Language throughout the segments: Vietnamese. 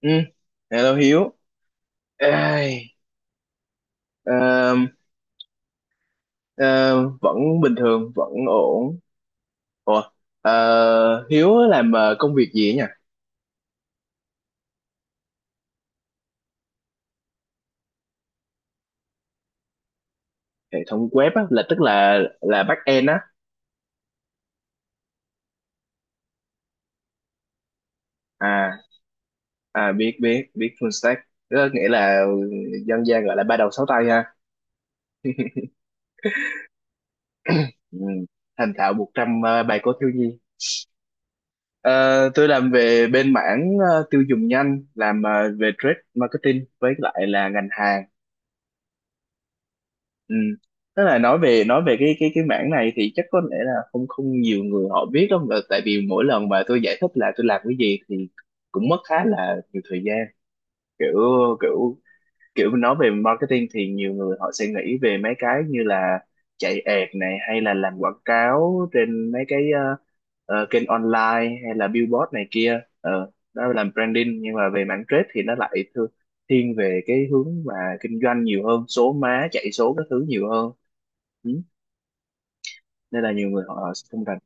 Ừ, hello Hiếu. Ai, ờ, ờ, Vẫn bình thường, vẫn ổn. Ủa, Hiếu làm công việc gì ấy nhỉ? Hệ thống web á, tức là back end á. À, biết biết biết full stack. Đó nghĩa là dân gian gọi là ba đầu sáu tay ha. Ừ, thành thạo một trăm bài code thiếu nhi. Ờ, tôi làm về bên mảng tiêu dùng nhanh, làm về trade marketing với lại là ngành hàng. Ừ. Tức là nói về cái mảng này thì chắc có lẽ là không không nhiều người họ biết đâu, mà tại vì mỗi lần mà tôi giải thích là tôi làm cái gì thì cũng mất khá là nhiều thời gian, kiểu kiểu kiểu nói về marketing thì nhiều người họ sẽ nghĩ về mấy cái như là chạy ad này hay là làm quảng cáo trên mấy cái kênh online hay là billboard này kia. Ờ, đó là branding, nhưng mà về mảng trade thì nó lại thiên về cái hướng mà kinh doanh nhiều hơn, số má chạy số các thứ nhiều hơn, ừ, nên là nhiều người họ họ sẽ không rành.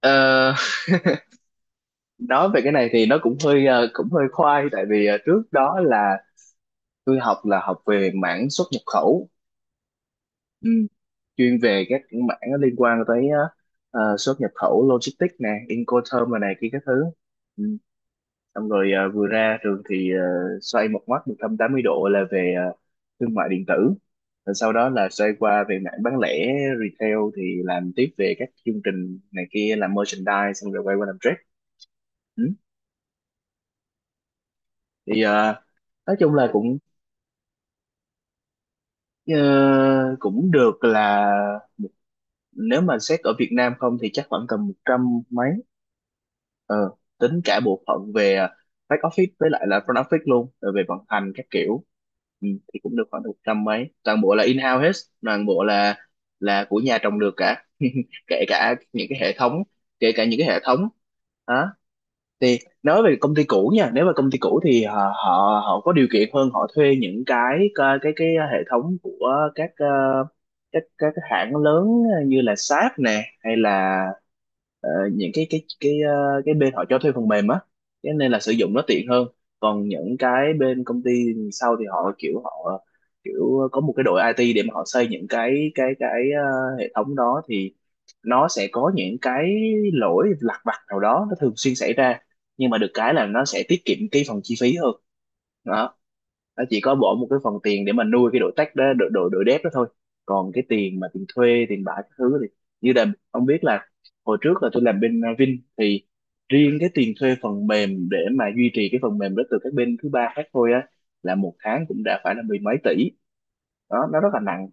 Ờ, nói về cái này thì nó cũng hơi cũng hơi khoai, tại vì trước đó là tôi học là học về mảng xuất nhập khẩu, chuyên về các mảng nó liên quan tới xuất nhập khẩu, logistics nè, Incoterm rồi này kia các thứ, ừ. Xong rồi vừa ra trường thì xoay một mắt 180 độ là về thương mại điện tử, rồi sau đó là xoay qua về mảng bán lẻ retail, thì làm tiếp về các chương trình này kia, làm merchandise, xong rồi quay qua làm trade. Ừ. Thì ờ, nói chung là cũng ờ, cũng được, là nếu mà xét ở Việt Nam không thì chắc khoảng tầm một trăm mấy, ờ, tính cả bộ phận về back office với lại là front office luôn, rồi về vận hành các kiểu, ừ, thì cũng được khoảng một trăm mấy, toàn bộ là in-house hết, toàn bộ là của nhà trồng được cả. Kể cả những cái hệ thống kể cả những cái hệ thống đó thì nói về công ty cũ nha, nếu mà công ty cũ thì họ họ họ có điều kiện hơn, họ thuê những cái hệ thống của các các cái hãng lớn như là SAP nè, hay là những cái cái bên họ cho thuê phần mềm á, cho nên là sử dụng nó tiện hơn. Còn những cái bên công ty sau thì họ kiểu có một cái đội IT để mà họ xây những cái hệ thống đó, thì nó sẽ có những cái lỗi lặt vặt nào đó nó thường xuyên xảy ra, nhưng mà được cái là nó sẽ tiết kiệm cái phần chi phí hơn. Đó, nó chỉ có bỏ một cái phần tiền để mà nuôi cái đội tech đó, đội đội đội dev đó thôi. Còn cái tiền mà tiền thuê tiền bạ các thứ thì, như là ông biết là hồi trước là tôi làm bên Vin, thì riêng cái tiền thuê phần mềm để mà duy trì cái phần mềm đó từ các bên thứ ba khác thôi á, là một tháng cũng đã phải là mười mấy tỷ, đó nó rất là nặng.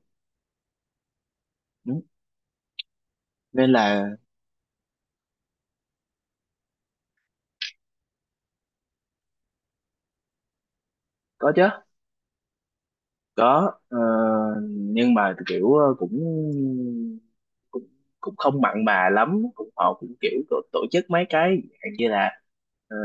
Đúng. Nên là có chứ, có ờ, nhưng mà kiểu ờ, cũng cũng cũng không mặn mà lắm, cũng họ cũng kiểu tổ tổ chức mấy cái dạng như là ờ,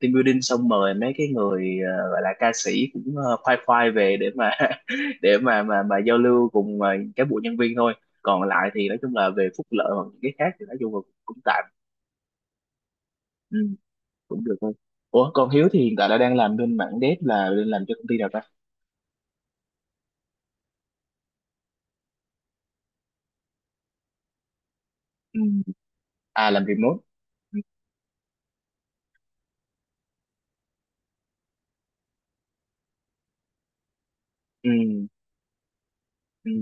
team building, xong mời mấy cái người gọi là ca sĩ cũng khoai khoai về để mà để mà giao lưu cùng các bộ nhân viên thôi. Còn lại thì nói chung là về phúc lợi hoặc những cái khác thì nói chung là cũng tạm, ừ, cũng được thôi. Ủa còn Hiếu thì hiện tại là đang làm bên mảng dev là đang làm cho công ty nào ta? Ừ. À làm remote. Ừ. Ừ.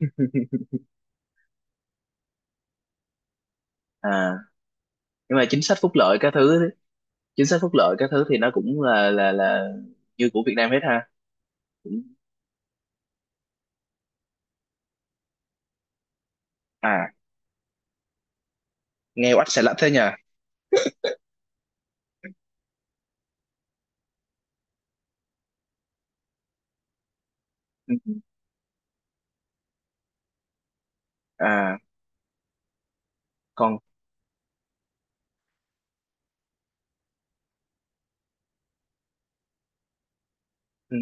À nhưng mà chính sách phúc lợi các thứ, chính sách phúc lợi các thứ thì nó cũng là như của Việt Nam hết ha, cũng à, nghe oách xà lách thế nhờ. Ừ. À còn ừ,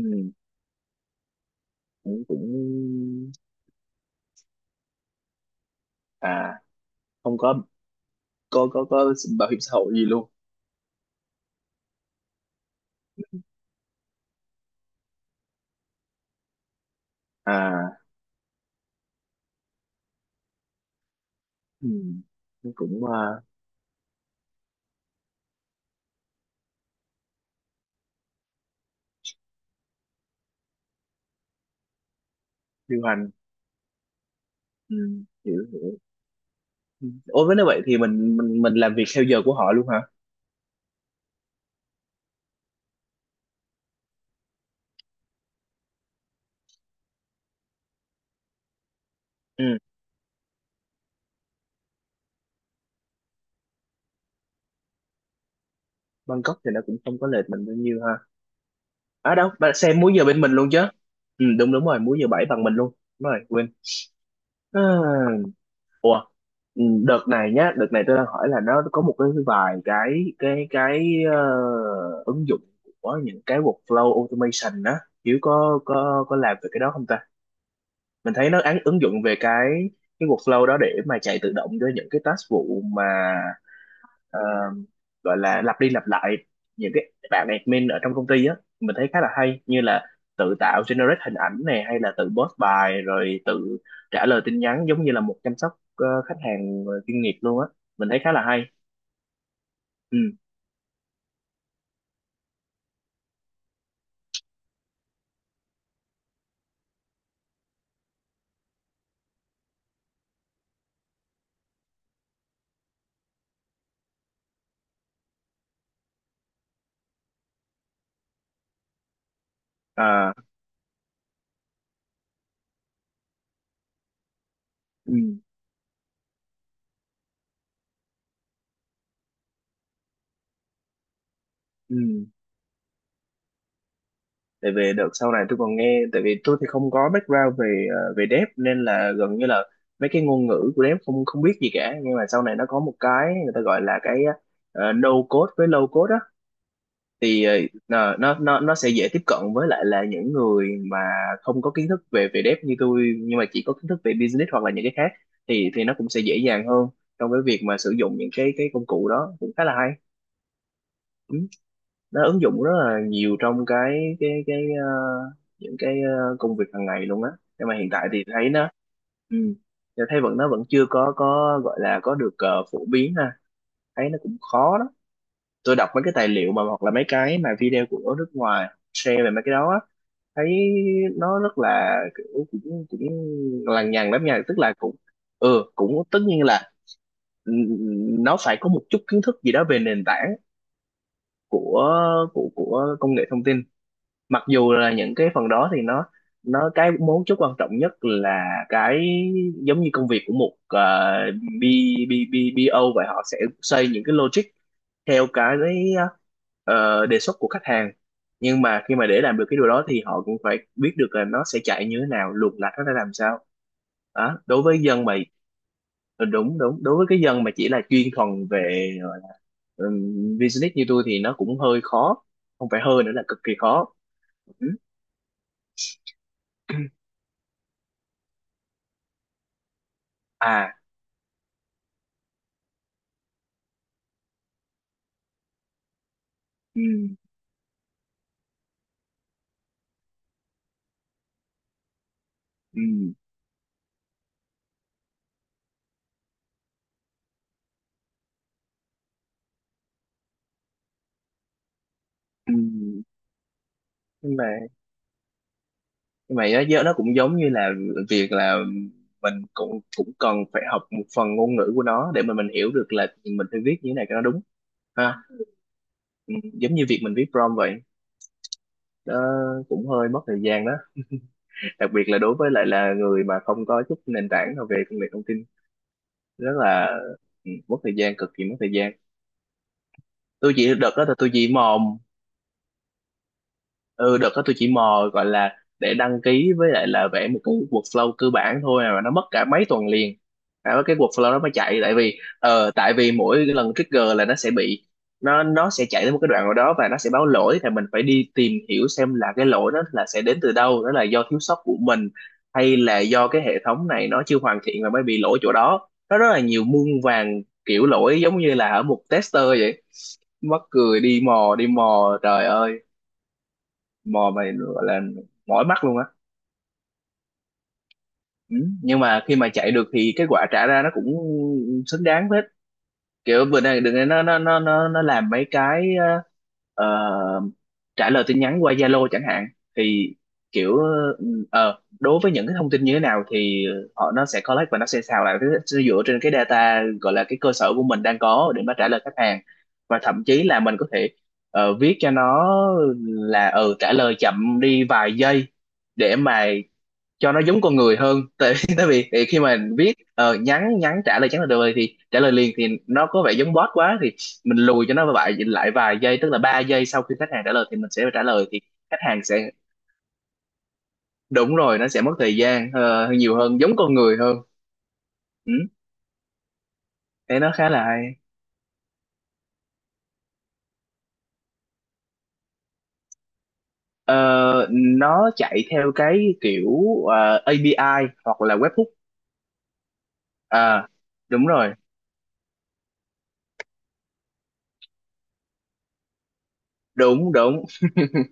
cũng cũng à, không có, có bảo hiểm xã hội gì luôn, à ừ, cũng à, điều hành, ừ, hiểu hiểu. Ôi với nếu vậy thì mình làm việc theo giờ của họ luôn hả? Ừ. Bangkok thì nó cũng không có lệch mình bao nhiêu ha. À đâu bạn xem múi giờ bên mình luôn chứ. Ừ, đúng đúng rồi, múi giờ bảy bằng mình luôn. Đúng rồi quên. À, ủa, ừ, đợt này nhá, đợt này tôi đang hỏi là nó có một cái vài cái cái ứng dụng của những cái workflow automation á, Hiếu có làm về cái đó không ta? Mình thấy nó án ứng dụng về cái workflow đó để mà chạy tự động cho những cái task vụ mà ờ, gọi là lặp đi lặp lại những cái bạn admin ở trong công ty á, mình thấy khá là hay, như là tự tạo generate hình ảnh này, hay là tự post bài, rồi tự trả lời tin nhắn, giống như là một chăm sóc khách hàng chuyên nghiệp luôn á, mình thấy khá là hay. Ừ. À. Ừ. Ừ, tại vì đợt sau này tôi còn nghe, tại vì tôi thì không có background về về dev, nên là gần như là mấy cái ngôn ngữ của dev không không biết gì cả, nhưng mà sau này nó có một cái người ta gọi là cái no code với low code á, thì ờ, nó sẽ dễ tiếp cận với lại là những người mà không có kiến thức về về dev như tôi, nhưng mà chỉ có kiến thức về business hoặc là những cái khác, thì nó cũng sẽ dễ dàng hơn trong cái việc mà sử dụng những cái công cụ đó, cũng khá là hay. Ừ. Nó ứng dụng rất là nhiều trong cái những cái công việc hàng ngày luôn á. Nhưng mà hiện tại thì thấy nó, ừ, thấy vẫn, nó vẫn chưa có, gọi là có được phổ biến ha, thấy nó cũng khó đó. Tôi đọc mấy cái tài liệu mà hoặc là mấy cái mà video của nước ngoài share về mấy cái đó á, thấy nó rất là kiểu cũng cũng lằng nhằng lắm nha, tức là cũng ừ, cũng tất nhiên là nó phải có một chút kiến thức gì đó về nền tảng của của công nghệ thông tin, mặc dù là những cái phần đó thì nó cái mấu chốt quan trọng nhất là cái giống như công việc của một B, B, B, BO vậy, họ sẽ xây những cái logic theo cái ờ, đề xuất của khách hàng, nhưng mà khi mà để làm được cái điều đó thì họ cũng phải biết được là nó sẽ chạy như thế nào, luồng lạch nó ra làm sao, đó đối với dân mà, ừ, đúng đúng đối với cái dân mà chỉ là chuyên thuần về gọi là, business như tôi thì nó cũng hơi khó, không phải hơi nữa là cực kỳ khó. Ừ. À ừ, ừ, ừ. nhưng mà nhưng mà nó cũng giống như là việc là mình cũng cũng cần phải học một phần ngôn ngữ của nó để mà mình hiểu được là mình phải viết như thế này cho nó đúng ha. Ừ, giống như việc mình viết prompt vậy đó, cũng hơi mất thời gian đó, đặc biệt là đối với lại là người mà không có chút nền tảng nào về công nghệ thông tin. Rất là mất thời gian, cực kỳ mất thời gian. Tôi chỉ đợt đó là tôi chỉ mò. Ừ, đợt đó tôi chỉ mò gọi là để đăng ký với lại là vẽ một cái workflow cơ bản thôi à, mà nó mất cả mấy tuần liền cả cái workflow nó mới chạy, tại vì tại vì mỗi cái lần trigger là nó sẽ bị, nó sẽ chạy đến một cái đoạn nào đó và nó sẽ báo lỗi, thì mình phải đi tìm hiểu xem là cái lỗi đó là sẽ đến từ đâu, đó là do thiếu sót của mình hay là do cái hệ thống này nó chưa hoàn thiện và mới bị lỗi chỗ đó. Nó rất là nhiều, muôn vàn kiểu lỗi, giống như là ở một tester vậy. Mắc cười, đi mò trời ơi, mò mày gọi là mỏi mắt luôn á. Ừ, nhưng mà khi mà chạy được thì cái quả trả ra nó cũng xứng đáng hết. Kiểu vừa này đừng nó làm mấy cái ờ, trả lời tin nhắn qua Zalo chẳng hạn, thì kiểu đối với những cái thông tin như thế nào thì họ nó sẽ collect và nó sẽ xào lại, nó sẽ dựa trên cái data gọi là cái cơ sở của mình đang có để mà trả lời khách hàng. Và thậm chí là mình có thể viết cho nó là ừ trả lời chậm đi vài giây để mà cho nó giống con người hơn, tại vì tại vì thì khi mà viết nhắn nhắn trả lời nhắn là được rồi thì trả lời liền thì nó có vẻ giống bot quá, thì mình lùi cho nó lại lại vài giây, tức là 3 giây sau khi khách hàng trả lời thì mình sẽ trả lời. Thì khách hàng sẽ, đúng rồi, nó sẽ mất thời gian nhiều hơn, giống con người hơn. Ừ, thế nó khá là hay. Ờ, nó chạy theo cái kiểu API hoặc là webhook. À đúng rồi, đúng đúng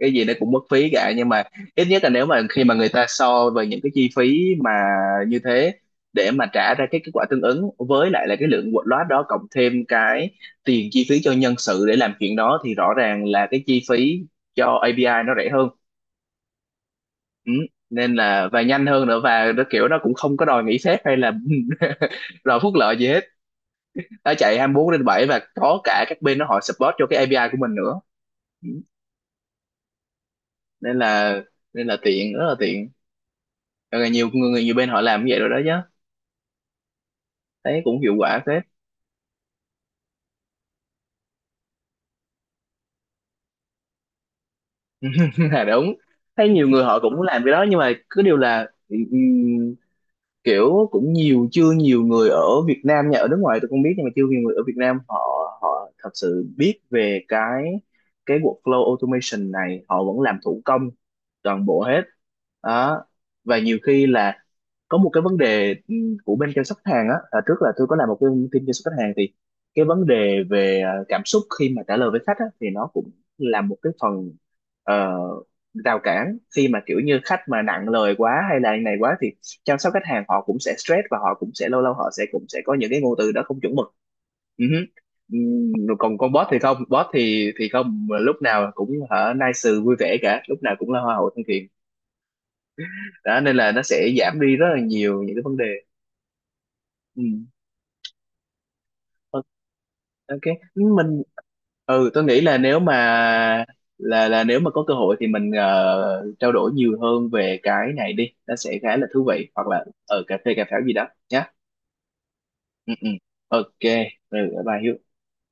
cái gì nó cũng mất phí cả, nhưng mà ít nhất là nếu mà khi mà người ta so về những cái chi phí mà như thế, để mà trả ra cái kết quả tương ứng với lại là cái lượng loát đó, cộng thêm cái tiền chi phí cho nhân sự để làm chuyện đó, thì rõ ràng là cái chi phí cho API nó rẻ hơn. Ừ, nên là và nhanh hơn nữa, và nó kiểu nó cũng không có đòi nghỉ phép hay là đòi phúc lợi gì hết. Nó chạy 24/7 và có cả các bên nó họ support cho cái API của mình nữa. Ừ, nên là, nên là tiện, rất là tiện. Rồi là nhiều người nhiều bên họ làm như vậy rồi đó chứ, thấy cũng hiệu quả phết. Là đúng, thấy nhiều người họ cũng làm cái đó, nhưng mà cứ điều là kiểu cũng nhiều, chưa nhiều người ở Việt Nam nha, ở nước ngoài tôi không biết, nhưng mà chưa nhiều người ở Việt Nam họ, họ thật sự biết về cái workflow automation này, họ vẫn làm thủ công toàn bộ hết đó. Và nhiều khi là có một cái vấn đề của bên chăm sóc khách hàng á, à trước là tôi có làm một cái team chăm sóc khách hàng, thì cái vấn đề về cảm xúc khi mà trả lời với khách á, thì nó cũng là một cái phần ờ, rào cản, khi mà kiểu như khách mà nặng lời quá hay là này quá, thì chăm sóc khách hàng họ cũng sẽ stress và họ cũng sẽ lâu lâu họ sẽ cũng sẽ có những cái ngôn từ đó không chuẩn mực. Ừ hứ. Còn con boss thì không, boss thì không lúc nào cũng hả nice vui vẻ cả, lúc nào cũng là hoa hậu thân thiện đó, nên là nó sẽ giảm đi rất là nhiều những cái vấn đề. Ừ. Ok, mình, ừ tôi nghĩ là nếu mà có cơ hội thì mình trao đổi nhiều hơn về cái này đi, nó sẽ khá là thú vị, hoặc là ở cà phê cà pháo gì đó nhá. Ừ, ừ. Ok, ừ, bye Hiếu.